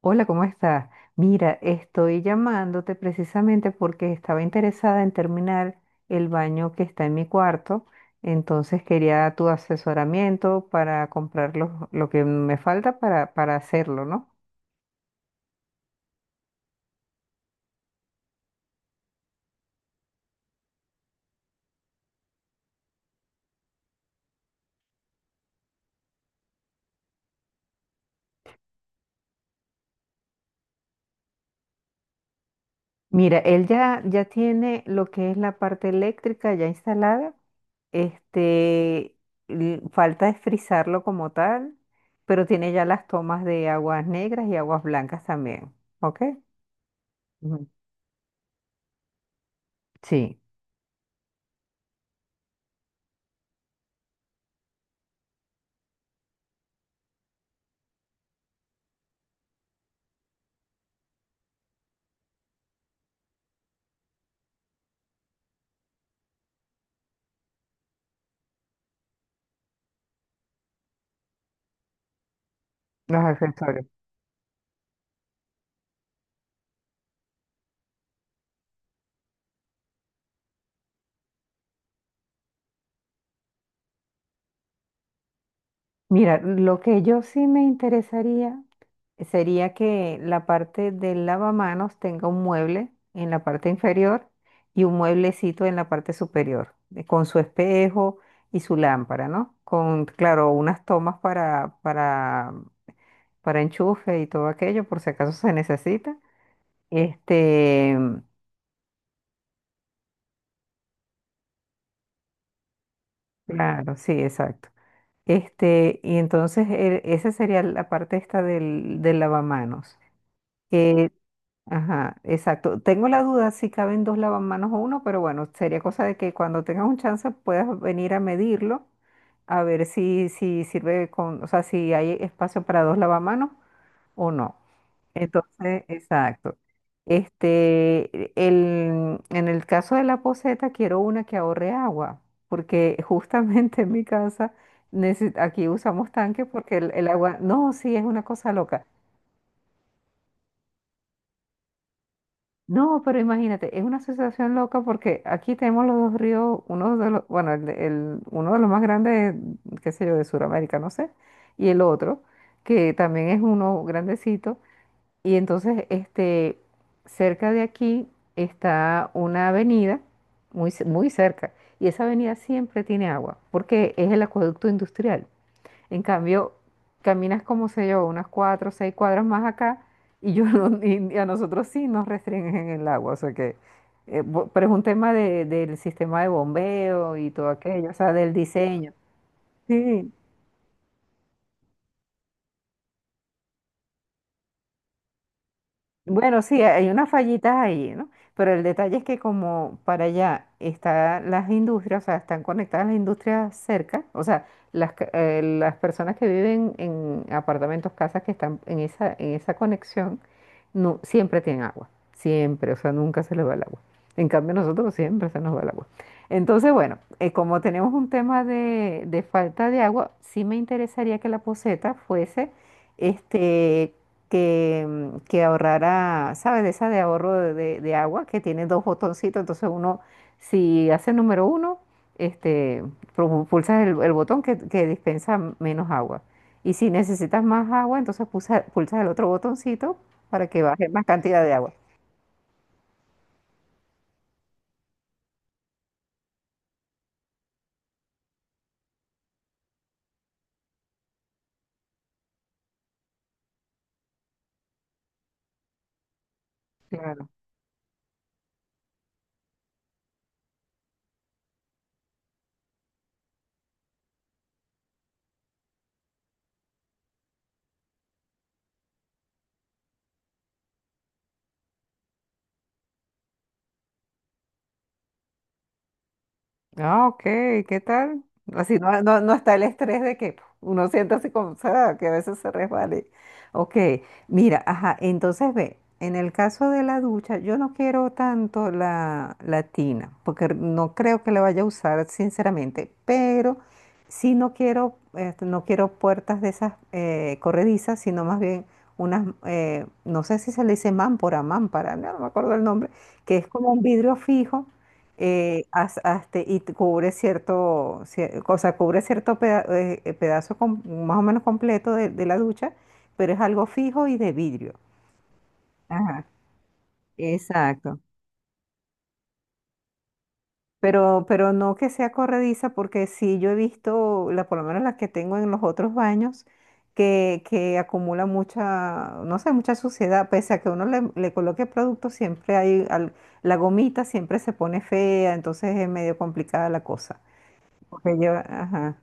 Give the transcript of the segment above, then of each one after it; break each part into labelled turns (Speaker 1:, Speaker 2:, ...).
Speaker 1: Hola, ¿cómo estás? Mira, estoy llamándote precisamente porque estaba interesada en terminar el baño que está en mi cuarto, entonces quería tu asesoramiento para comprar lo que me falta para hacerlo, ¿no? Mira, él ya tiene lo que es la parte eléctrica ya instalada, este, falta es frizarlo como tal, pero tiene ya las tomas de aguas negras y aguas blancas también, ¿ok? Ujú. Sí. Los accesorios. Mira, lo que yo sí me interesaría sería que la parte del lavamanos tenga un mueble en la parte inferior y un mueblecito en la parte superior, con su espejo y su lámpara, ¿no? Con, claro, unas tomas para enchufe y todo aquello, por si acaso se necesita. Este, claro, sí, exacto. Y entonces esa sería la parte esta del lavamanos. Eh, Ajá, exacto. Tengo la duda si caben dos lavamanos o uno, pero bueno, sería cosa de que cuando tengas un chance puedas venir a medirlo, a ver si, si sirve con, o sea, si hay espacio para dos lavamanos o no. Entonces, exacto. En el caso de la poceta, quiero una que ahorre agua, porque justamente en mi casa, aquí usamos tanque porque el agua, no, sí, es una cosa loca. No, pero imagínate, es una sensación loca porque aquí tenemos los dos ríos, uno de los, bueno, uno de los más grandes, qué sé yo, de Sudamérica, no sé, y el otro, que también es uno grandecito. Y entonces, cerca de aquí está una avenida, muy cerca, y esa avenida siempre tiene agua, porque es el acueducto industrial. En cambio, caminas como sé yo, unas cuatro o seis cuadras más acá y yo no- y a nosotros sí nos restringen el agua. O sea que, pero es un tema del sistema de bombeo y todo aquello, o sea, del diseño. Sí. Bueno, sí, hay unas fallitas ahí, ¿no? Pero el detalle es que como para allá están las industrias, o sea, están conectadas las industrias cerca, o sea, las personas que viven en apartamentos, casas que están en esa conexión, no, siempre tienen agua, siempre, o sea, nunca se les va el agua. En cambio, nosotros siempre se nos va el agua. Entonces, bueno, como tenemos un tema de falta de agua, sí me interesaría que la poseta fuese este, que, que ahorrara, ¿sabes? De esa de ahorro de agua que tiene dos botoncitos. Entonces uno, si hace el número uno, este, pulsas el botón que dispensa menos agua. Y si necesitas más agua, entonces pulsas el otro botoncito para que baje más cantidad de agua. Claro. Ah, ok, ¿qué tal? Así no, no, no está el estrés de que puf, uno siente así como, o que a veces se resbale. Ok, mira, ajá, entonces ve, en el caso de la ducha, yo no quiero tanto la, la tina, porque no creo que la vaya a usar, sinceramente, pero sí no quiero, no quiero puertas de esas corredizas, sino más bien unas, no sé si se le dice mámpora, mámpara, no, no me acuerdo el nombre, que es como un vidrio fijo y te cubre o sea, cubre cierto pedazo más o menos completo de la ducha, pero es algo fijo y de vidrio. Ajá, exacto. Pero no que sea corrediza, porque sí yo he visto, la, por lo menos las que tengo en los otros baños, que acumula mucha, no sé, mucha suciedad, pese a que uno le, le coloque producto, siempre hay, la gomita siempre se pone fea, entonces es medio complicada la cosa. Porque yo, ajá.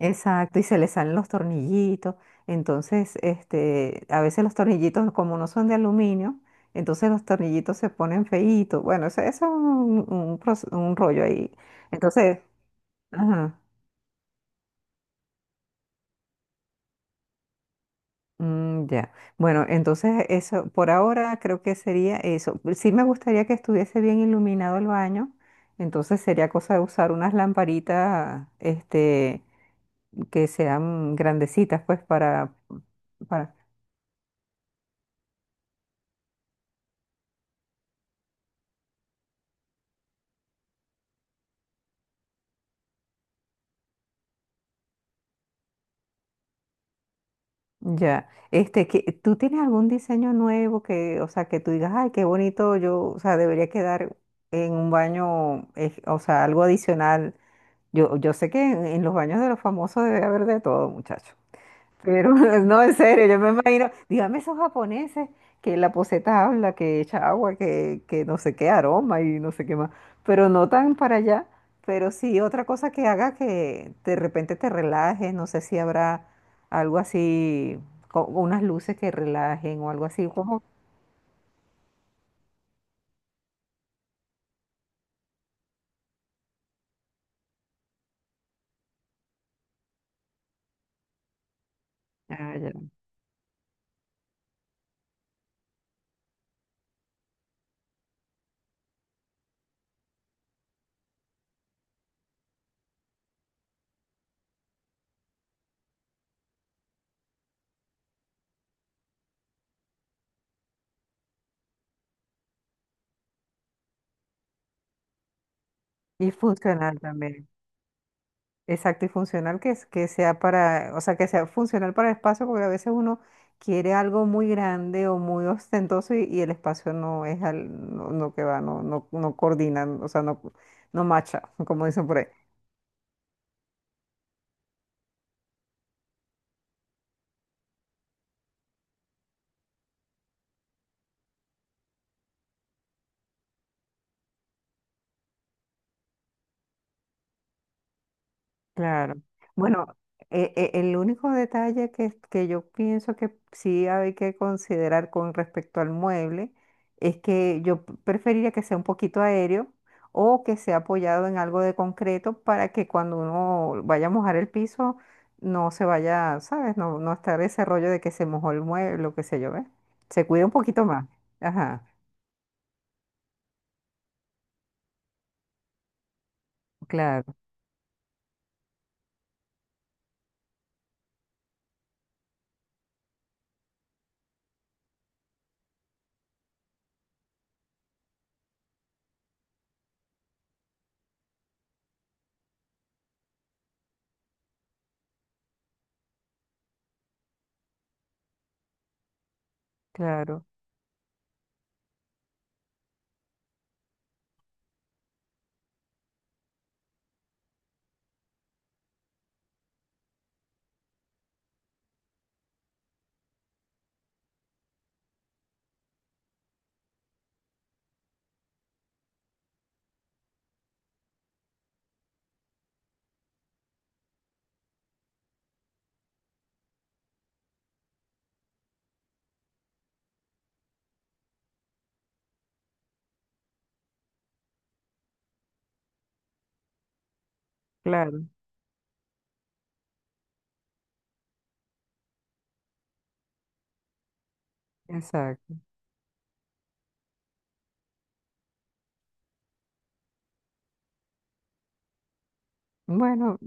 Speaker 1: Exacto, y se le salen los tornillitos. Entonces, a veces los tornillitos, como no son de aluminio, entonces los tornillitos se ponen feitos. Bueno, eso es un un rollo ahí. Entonces, ajá, ya. Bueno, entonces eso, por ahora creo que sería eso. Sí me gustaría que estuviese bien iluminado el baño. Entonces sería cosa de usar unas lamparitas, que sean grandecitas, pues, para, para. Ya, que, ¿tú tienes algún diseño nuevo que, o sea, que tú digas, ay, qué bonito, yo, o sea, debería quedar en un baño, o sea, algo adicional? Yo sé que en los baños de los famosos debe haber de todo, muchacho. Pero no, en serio, yo me imagino, dígame esos japoneses que la poseta habla, que echa agua, que no sé qué aroma y no sé qué más, pero no tan para allá, pero sí otra cosa que haga que de repente te relajes, no sé si habrá algo así, unas luces que relajen o algo así, como, ah, ya, y funcional también. Exacto, y funcional que, que sea para, o sea, que sea funcional para el espacio, porque a veces uno quiere algo muy grande o muy ostentoso y el espacio no es al, no, no que va, no, no, no coordina, o sea, no, no macha, como dicen por ahí. Claro. Bueno, el único detalle que yo pienso que sí hay que considerar con respecto al mueble es que yo preferiría que sea un poquito aéreo o que sea apoyado en algo de concreto para que cuando uno vaya a mojar el piso no se vaya, ¿sabes? No, no estar ese rollo de que se mojó el mueble o qué sé yo, ¿ves? Se cuida un poquito más. Ajá, claro, claro, claro, exacto. Bueno,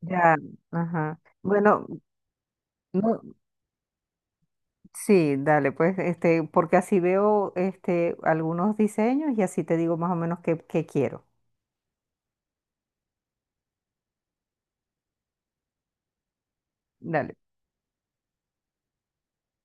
Speaker 1: ya, ajá. Bueno, no, sí, dale, pues, porque así veo este, algunos diseños y así te digo más o menos qué, qué quiero. Dale.